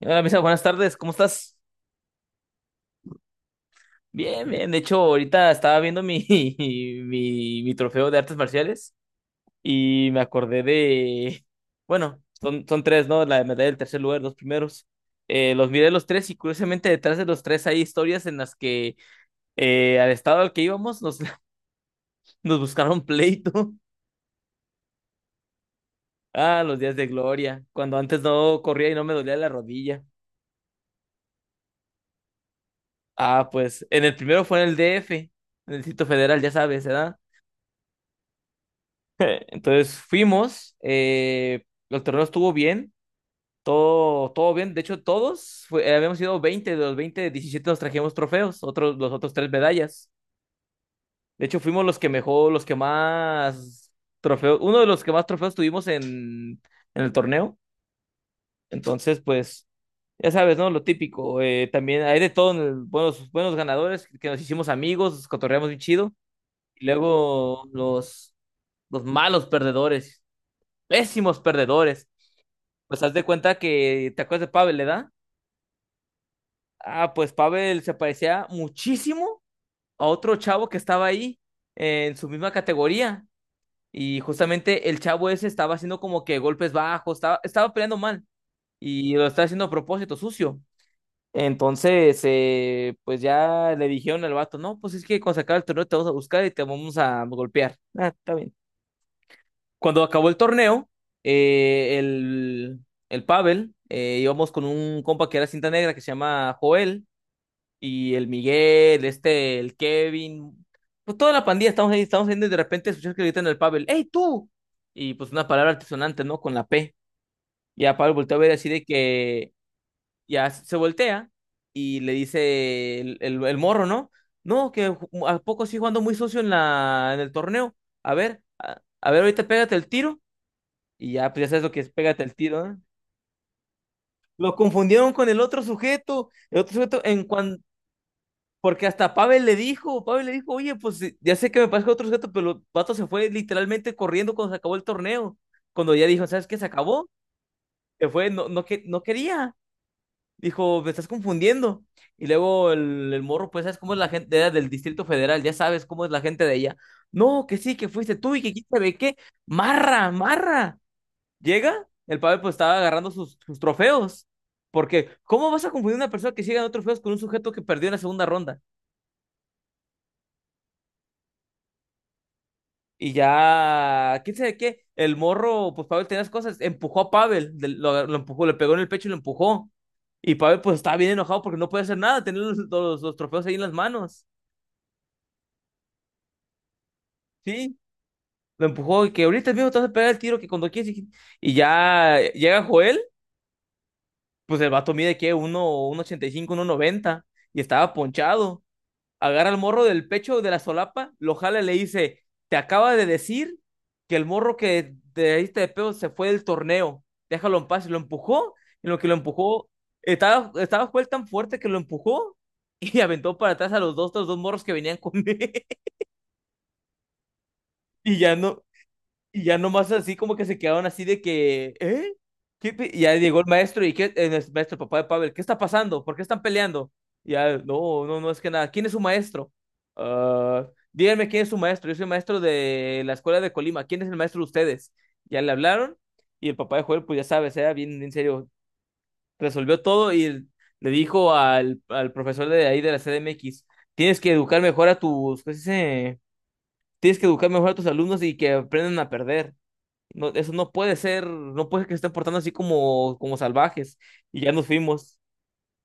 Hola, Misa, buenas tardes, ¿cómo estás? Bien, bien. De hecho, ahorita estaba viendo mi trofeo de artes marciales y me acordé de. Bueno, son tres, ¿no? La medalla del tercer lugar, los primeros. Los miré los tres y curiosamente detrás de los tres hay historias en las que al estado al que íbamos nos buscaron pleito. Ah, los días de gloria, cuando antes no corría y no me dolía la rodilla. Ah, pues en el primero fue en el DF, en el Distrito Federal, ya sabes, ¿verdad? Entonces fuimos, el torneo estuvo bien, todo, todo bien. De hecho, todos, habíamos ido 20 de los 20, 17 nos trajimos trofeos, otros, los otros tres medallas. De hecho, fuimos los que mejor, los que más trofeos, uno de los que más trofeos tuvimos en el torneo. Entonces, pues, ya sabes, ¿no? Lo típico. También hay de todo, buenos ganadores, que nos hicimos amigos, cotorreamos bien chido. Y luego los malos perdedores, pésimos perdedores. Pues haz de cuenta que te acuerdas de Pavel, ¿verdad? Ah, pues Pavel se parecía muchísimo a otro chavo que estaba ahí en su misma categoría. Y justamente el chavo ese estaba haciendo como que golpes bajos, estaba peleando mal y lo estaba haciendo a propósito, sucio. Entonces, pues ya le dijeron al vato, no, pues es que cuando se acabe el torneo te vamos a buscar y te vamos a golpear. Ah, está bien. Cuando acabó el torneo, eh, el, el Pavel, íbamos con un compa que era cinta negra que se llama Joel, y el Miguel, este, el Kevin, pues toda la pandilla estamos ahí, estamos yendo y de repente escuchas que gritan al Pavel, ¡Ey, tú! Y pues una palabra altisonante, ¿no? Con la P. Y a Pavel volteó a ver así de que ya se voltea y le dice el morro, ¿no? No, a poco sí jugando muy socio en en el torneo. A ver, ahorita pégate el tiro y ya, pues ya sabes lo que es, pégate el tiro, ¿eh? Lo confundieron con el otro sujeto, en cuanto, porque hasta Pavel le dijo, oye, pues ya sé que me pasó otro sujeto, pero el vato se fue literalmente corriendo cuando se acabó el torneo. Cuando ya dijo, ¿sabes qué? Se acabó, se fue, no, no, que, no quería. Dijo, me estás confundiendo. Y luego el morro, pues, ¿sabes cómo es la gente? Era del Distrito Federal, ya sabes cómo es la gente de ella. No, que sí, que fuiste tú y que quién sabe qué. Marra, marra. Llega, el Pavel pues estaba agarrando sus trofeos. Porque, ¿cómo vas a confundir una persona que sigue ganando trofeos con un sujeto que perdió en la segunda ronda? Y ya, quién sabe qué, el morro, pues Pavel tenía las cosas, empujó a Pavel, lo empujó, le pegó en el pecho y lo empujó. Y Pavel pues estaba bien enojado porque no puede hacer nada, tenía los trofeos ahí en las manos. Sí, lo empujó y que ahorita mismo te vas a pegar el tiro que cuando quieres. Y ya llega Joel, pues el vato mide que uno ochenta y cinco uno noventa y estaba ponchado. Agarra al morro del pecho de la solapa, lo jala y le dice, te acaba de decir que el morro que te diste de pedo se fue del torneo, déjalo en paz, y lo empujó, en lo que lo empujó, estaba, estaba Joel tan fuerte que lo empujó y aventó para atrás a los dos morros que venían con él. y ya no, y ya nomás así como que se quedaron así de que, ¿eh? ¿Qué pe-? Y ya llegó el maestro y ¿qué? El maestro, papá de Pavel, ¿qué está pasando? ¿Por qué están peleando? Y ya, no, no, no es que nada. ¿Quién es su maestro? Ah, díganme quién es su maestro. Yo soy maestro de la escuela de Colima. ¿Quién es el maestro de ustedes? Ya le hablaron y el papá de Joel, pues ya sabes, era bien en serio. Resolvió todo y le dijo al profesor de ahí de la CDMX, tienes que educar mejor a tus, ¿qué se dice? Tienes que educar mejor a tus alumnos y que aprendan a perder. No, eso no puede ser, no puede que se estén portando así como, como salvajes. Y ya nos fuimos.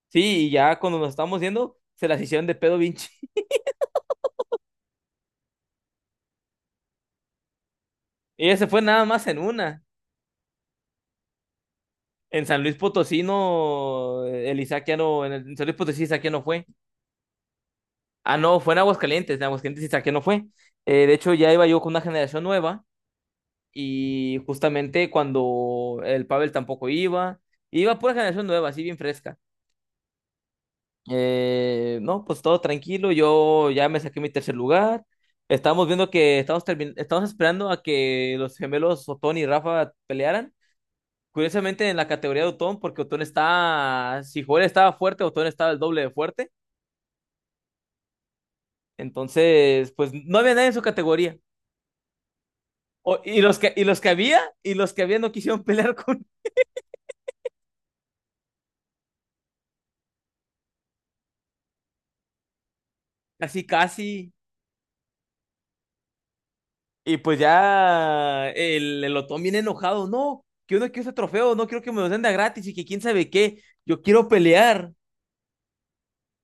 Sí, y ya cuando nos estábamos yendo, se las hicieron de pedo Vinci. Ella se fue nada más en una. En San Luis Potosí no, el Isaac ya no, en San Luis Potosí Isaac ya no fue. Ah, no, fue en Aguascalientes Isaac ya no fue. De hecho, ya iba yo con una generación nueva y justamente cuando el Pavel tampoco iba, iba pura generación nueva, así bien fresca. No, pues todo tranquilo. Yo ya me saqué mi tercer lugar. Estamos viendo que estamos esperando a que los gemelos Otón y Rafa pelearan. Curiosamente en la categoría de Otón, porque Otón está, si Joel estaba fuerte, Otón estaba el doble de fuerte. Entonces, pues no había nadie en su categoría. Y los que, y los que había, y los que había no quisieron pelear con casi casi. Y pues ya el Otón viene enojado, no, que uno quiere ese trofeo, no quiero que me lo den de a gratis y que quién sabe qué, yo quiero pelear.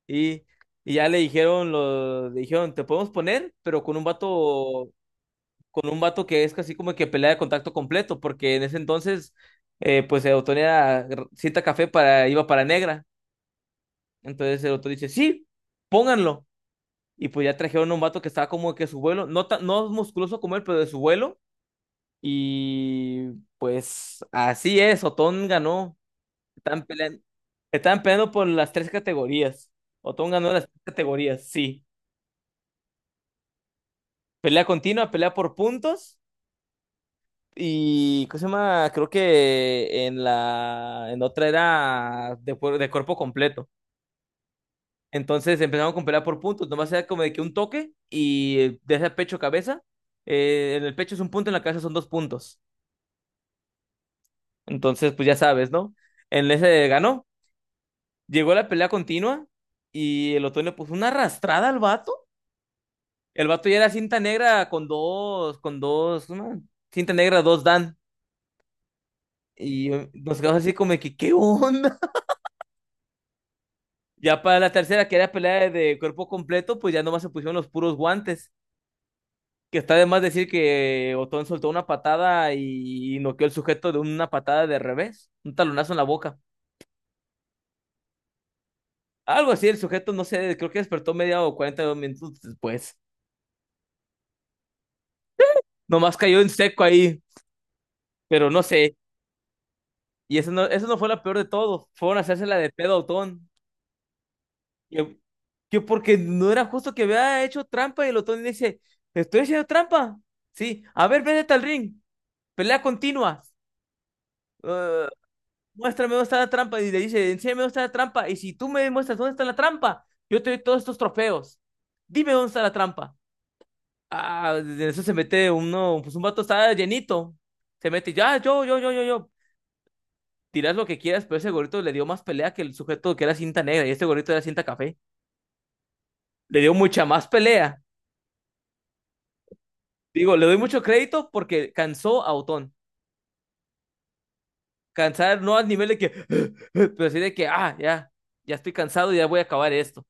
Y, y ya le dijeron, le dijeron, te podemos poner, pero con un vato que es casi como que pelea de contacto completo, porque en ese entonces, pues el Otón era cita café para, iba para negra. Entonces el Otón dice, sí, pónganlo. Y pues ya trajeron a un vato que estaba como que su vuelo, no, no musculoso como él, pero de su vuelo. Y pues así es, Otón ganó. Estaban peleando, estaban peleando por las tres categorías. Otón ganó las tres categorías, sí. Pelea continua, pelea por puntos. Y, ¿cómo se llama? Creo que en la, en otra era de cuerpo completo. Entonces empezaron con pelea por puntos. Nomás era como de que un toque y de ese pecho cabeza. En el pecho es un punto, en la cabeza son dos puntos. Entonces, pues ya sabes, ¿no? En ese ganó. Llegó la pelea continua y el otoño puso una arrastrada al vato. El vato ya era cinta negra una cinta negra, dos Dan. Y nos quedamos así como de que, ¿qué onda? Ya para la tercera, que era pelea de cuerpo completo, pues ya nomás se pusieron los puros guantes. Que está de más decir que Otón soltó una patada y noqueó el sujeto de una patada de revés, un talonazo en la boca. Algo así, el sujeto, no sé, creo que despertó media o 40 minutos después. Nomás cayó en seco ahí, pero no sé. Y eso no fue la peor de todo. Fueron a hacerse la de pedo a Otón. Que, que porque no era justo que había hecho trampa y el Otón dice, estoy haciendo trampa. Sí, a ver, vete al ring. Pelea continua. Eh, Muéstrame dónde está la trampa. Y le dice, enséñame dónde está la trampa. Y si tú me muestras dónde está la trampa, yo te doy todos estos trofeos. Dime dónde está la trampa. Ah, de eso se mete uno, pues un vato está llenito. Se mete, ya, yo, yo, yo, yo, yo. Tiras lo que quieras, pero ese gorrito le dio más pelea que el sujeto que era cinta negra y este gorrito era cinta café. Le dio mucha más pelea. Digo, le doy mucho crédito porque cansó a Otón. Cansar no al nivel de que, pero sí de que, ah, ya, ya estoy cansado y ya voy a acabar esto.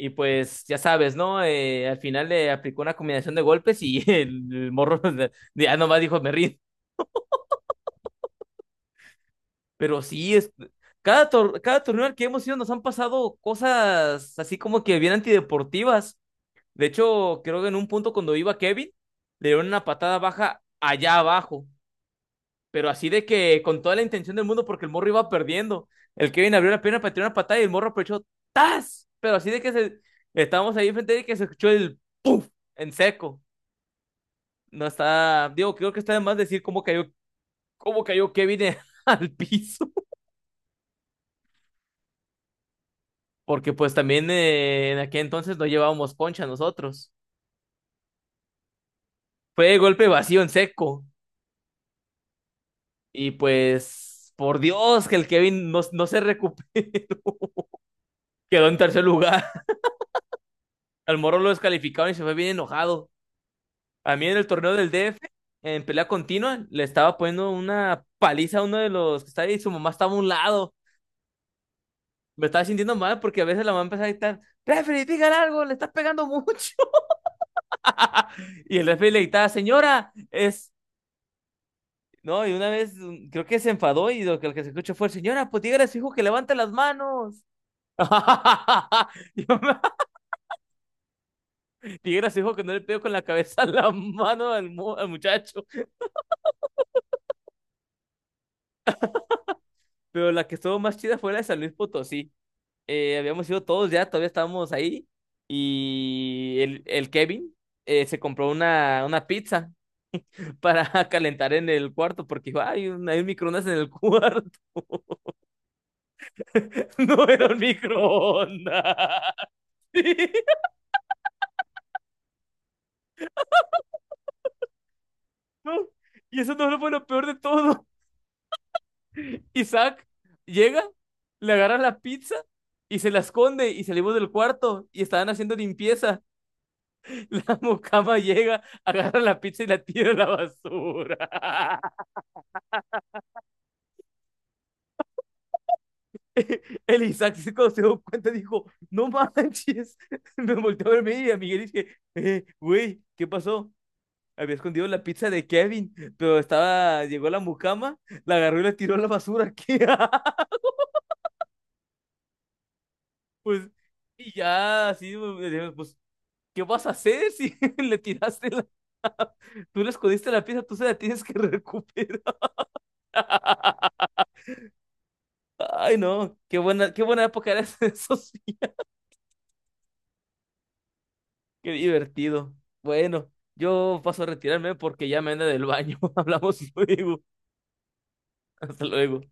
Y pues ya sabes, ¿no? Al final le aplicó una combinación de golpes y morro ya nomás dijo, me rindo. Pero sí, es, cada torneo al que hemos ido nos han pasado cosas así como que bien antideportivas. De hecho, creo que en un punto cuando iba Kevin, le dieron una patada baja allá abajo, pero así de que con toda la intención del mundo porque el morro iba perdiendo. El Kevin abrió la pierna para tirar una patada y el morro aprovechó ¡tas! Pero así de que se... estábamos ahí enfrente de él que se escuchó el en seco. No está, digo, creo que está de más decir cómo cayó Kevin al piso, porque pues también en aquel entonces no llevábamos poncha nosotros. Fue golpe vacío en seco. Y pues, por Dios, que el Kevin no, no se recuperó. Quedó en tercer lugar. Al Moro lo descalificaron y se fue bien enojado. A mí en el torneo del DF, en pelea continua, le estaba poniendo una paliza a uno de los que estaba ahí y su mamá estaba a un lado. Me estaba sintiendo mal porque a veces la mamá empezaba a gritar, referee, digan algo, le estás pegando mucho. Y el referee le gritaba, señora, es... No, y una vez creo que se enfadó y lo que se escuchó fue, señora, pues dígale a su hijo que levante las manos. Yo me Piedra se dijo que no le pegó con la cabeza a la mano al, al muchacho. Pero la que estuvo más chida fue la de San Luis Potosí. Habíamos ido todos ya, todavía estábamos ahí. Y el Kevin se compró una pizza para calentar en el cuarto porque dijo, hay un microondas en el cuarto. No era un microondas. Sí, no. Y eso no fue lo peor de todo. Isaac llega, le agarra la pizza y se la esconde y salimos del cuarto y estaban haciendo limpieza. La mucama llega, agarra la pizza y la tira a la basura. El Isaac se cuando se dio cuenta dijo, no manches. Me volteó a verme y a Miguel dije, güey, ¿qué pasó? Había escondido la pizza de Kevin, pero estaba, llegó la mucama, la agarró y la tiró a la basura. ¿Qué? Pues, y ya, así, pues, ¿qué vas a hacer si le tiraste la... Tú le escondiste la pieza, tú se la tienes que recuperar. Ay, no, qué buena época era esa, eso sí, qué divertido. Bueno, yo paso a retirarme porque ya me anda del baño. Hablamos luego. Hasta luego.